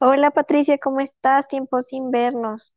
Hola Patricia, ¿cómo estás? Tiempo sin vernos.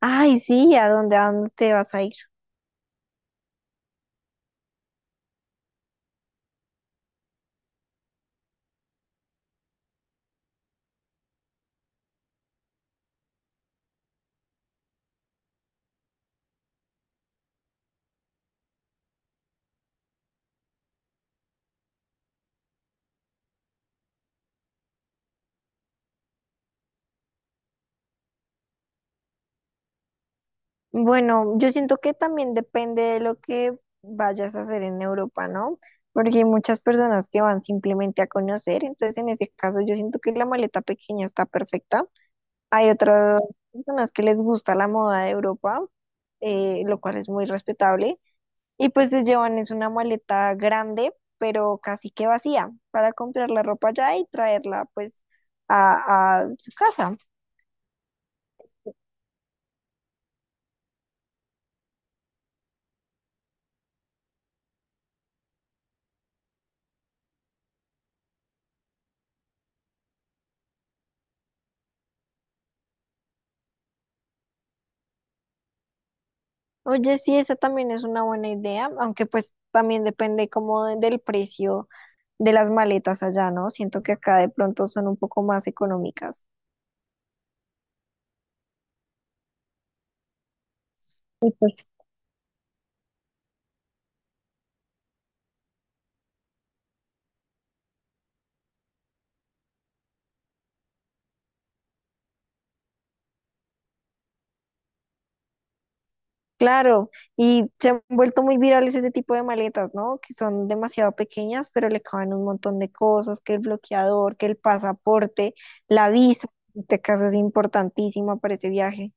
Ay, sí, ¿¿a dónde te vas a ir? Bueno, yo siento que también depende de lo que vayas a hacer en Europa, ¿no? Porque hay muchas personas que van simplemente a conocer, entonces en ese caso yo siento que la maleta pequeña está perfecta. Hay otras personas que les gusta la moda de Europa, lo cual es muy respetable. Y pues les llevan es una maleta grande, pero casi que vacía, para comprar la ropa allá y traerla pues a su casa. Oye, sí, esa también es una buena idea, aunque pues también depende como del precio de las maletas allá, ¿no? Siento que acá de pronto son un poco más económicas. Y pues claro, y se han vuelto muy virales ese tipo de maletas, ¿no? Que son demasiado pequeñas, pero le caben un montón de cosas, que el bloqueador, que el pasaporte, la visa, en este caso es importantísima para ese viaje.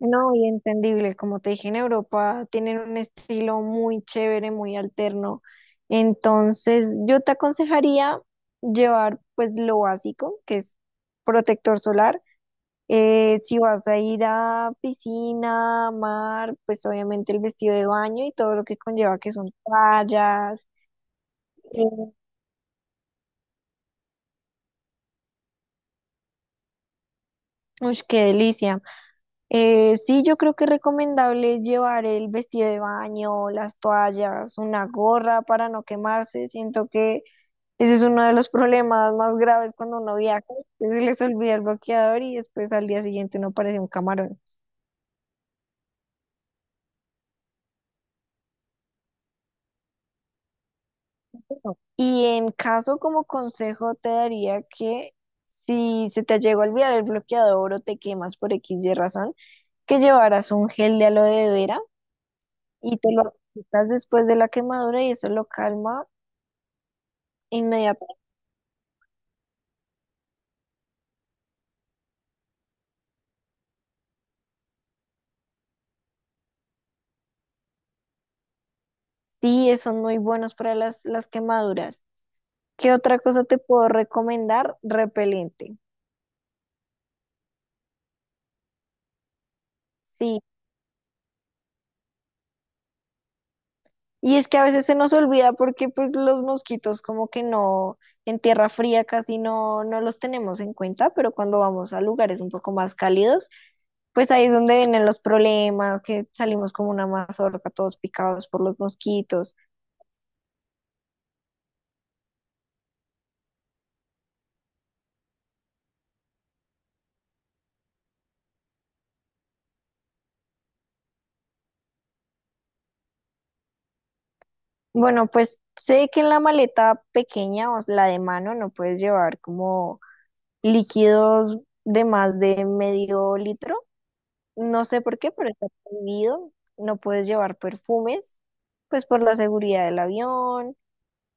No, y entendible, como te dije, en Europa tienen un estilo muy chévere, muy alterno. Entonces, yo te aconsejaría llevar pues lo básico, que es protector solar. Si vas a ir a piscina, mar, pues obviamente el vestido de baño y todo lo que conlleva, que son toallas. eh, Ush, qué delicia. Sí, yo creo que es recomendable llevar el vestido de baño, las toallas, una gorra para no quemarse. Siento que ese es uno de los problemas más graves cuando uno viaja, que se les olvida el bloqueador y después al día siguiente uno parece un camarón. Y en caso como consejo te daría que si se te llegó a olvidar el bloqueador o te quemas por X y razón, que llevaras un gel de aloe vera y te lo aplicas después de la quemadura y eso lo calma inmediatamente. Sí, eso no muy buenos para las quemaduras. ¿Qué otra cosa te puedo recomendar? Repelente. Sí, y es que a veces se nos olvida porque pues los mosquitos como que no, en tierra fría casi no, no los tenemos en cuenta, pero cuando vamos a lugares un poco más cálidos, pues ahí es donde vienen los problemas, que salimos como una mazorca todos picados por los mosquitos. Bueno, pues sé que en la maleta pequeña o la de mano no puedes llevar como líquidos de más de medio litro. No sé por qué, pero está prohibido. No puedes llevar perfumes, pues por la seguridad del avión.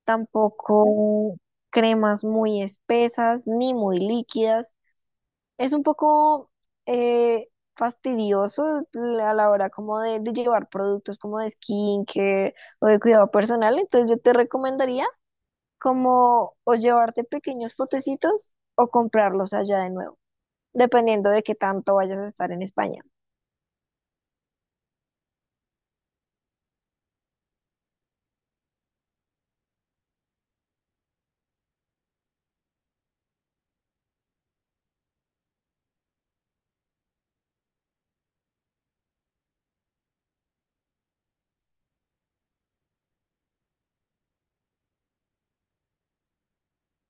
Tampoco cremas muy espesas ni muy líquidas. Es un poco eh, fastidioso a la hora como de llevar productos como de skincare o de cuidado personal. Entonces yo te recomendaría como o llevarte pequeños potecitos o comprarlos allá de nuevo, dependiendo de qué tanto vayas a estar en España.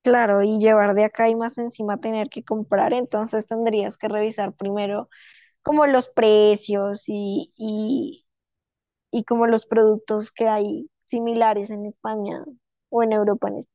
Claro, y llevar de acá y más encima tener que comprar, entonces tendrías que revisar primero como los precios y como los productos que hay similares en España o en Europa.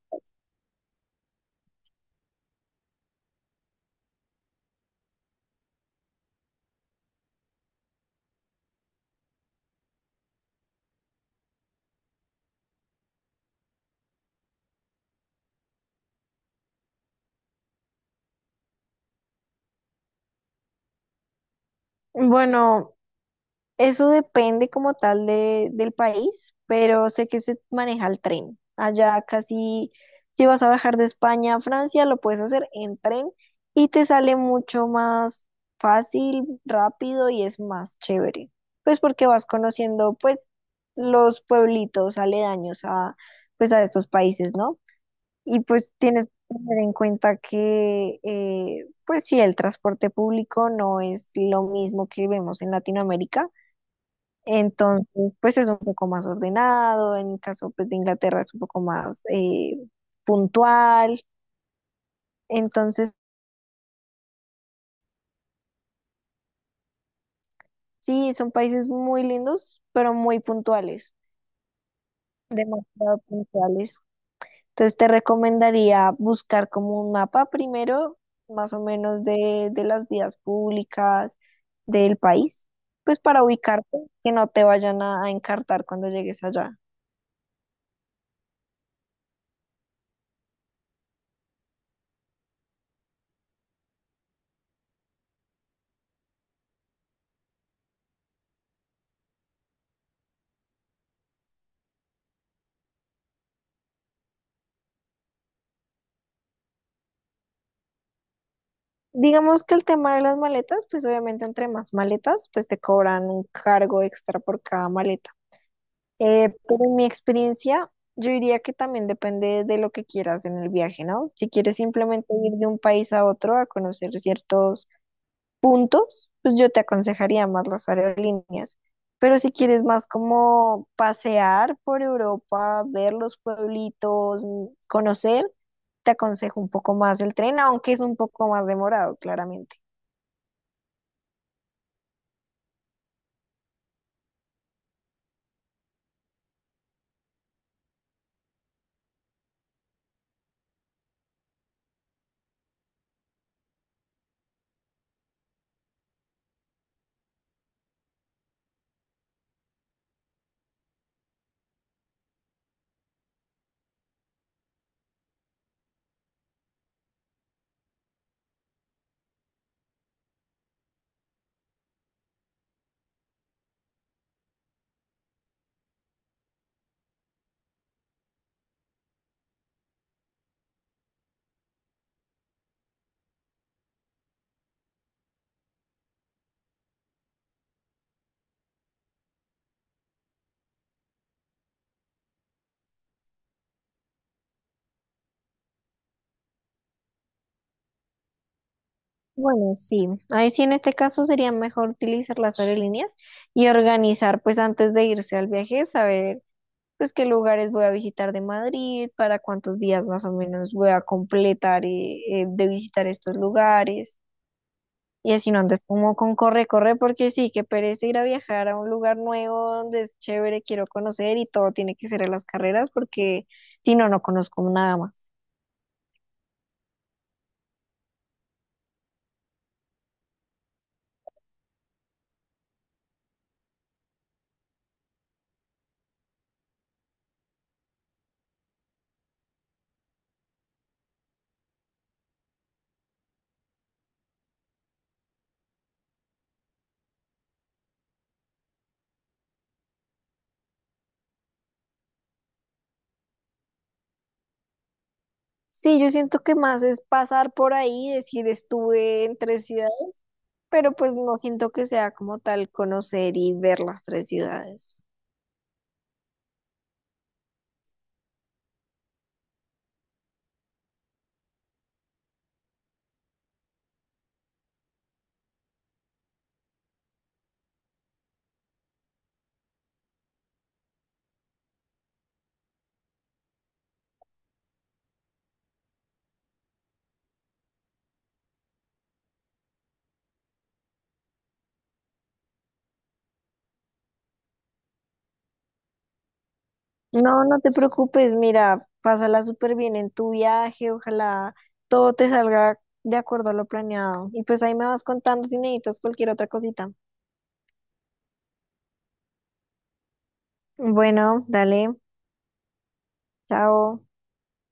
Bueno, eso depende como tal del país, pero sé que se maneja el tren. Allá casi, si vas a viajar de España a Francia, lo puedes hacer en tren y te sale mucho más fácil, rápido y es más chévere. Pues porque vas conociendo pues los pueblitos aledaños a pues a estos países, ¿no? Y pues tienes que tener en cuenta que pues sí, el transporte público no es lo mismo que vemos en Latinoamérica, entonces, pues es un poco más ordenado, en el caso pues, de Inglaterra es un poco más puntual. Entonces, sí, son países muy lindos, pero muy puntuales, demasiado puntuales. Entonces, te recomendaría buscar como un mapa primero, más o menos de las vías públicas del país, pues para ubicarte, que no te vayan a encartar cuando llegues allá. Digamos que el tema de las maletas, pues obviamente entre más maletas, pues te cobran un cargo extra por cada maleta. Pero en mi experiencia, yo diría que también depende de lo que quieras en el viaje, ¿no? Si quieres simplemente ir de un país a otro a conocer ciertos puntos, pues yo te aconsejaría más las aerolíneas. Pero si quieres más como pasear por Europa, ver los pueblitos, mm, conocer, te aconsejo un poco más el tren, aunque es un poco más demorado, claramente. Bueno, sí, ahí sí en este caso sería mejor utilizar las aerolíneas y organizar pues antes de irse al viaje, saber pues qué lugares voy a visitar de Madrid, para cuántos días más o menos voy a completar de visitar estos lugares y así no andes como con corre, corre, porque sí, que pereza ir a viajar a un lugar nuevo donde es chévere, quiero conocer y todo tiene que ser a las carreras porque si no, no conozco nada más. Sí, yo siento que más es pasar por ahí, decir estuve entre ciudades, pero pues no siento que sea como tal conocer y ver las tres ciudades. No, no te preocupes, mira, pásala súper bien en tu viaje, ojalá todo te salga de acuerdo a lo planeado. Y pues ahí me vas contando si necesitas cualquier otra cosita. Bueno, dale, chao.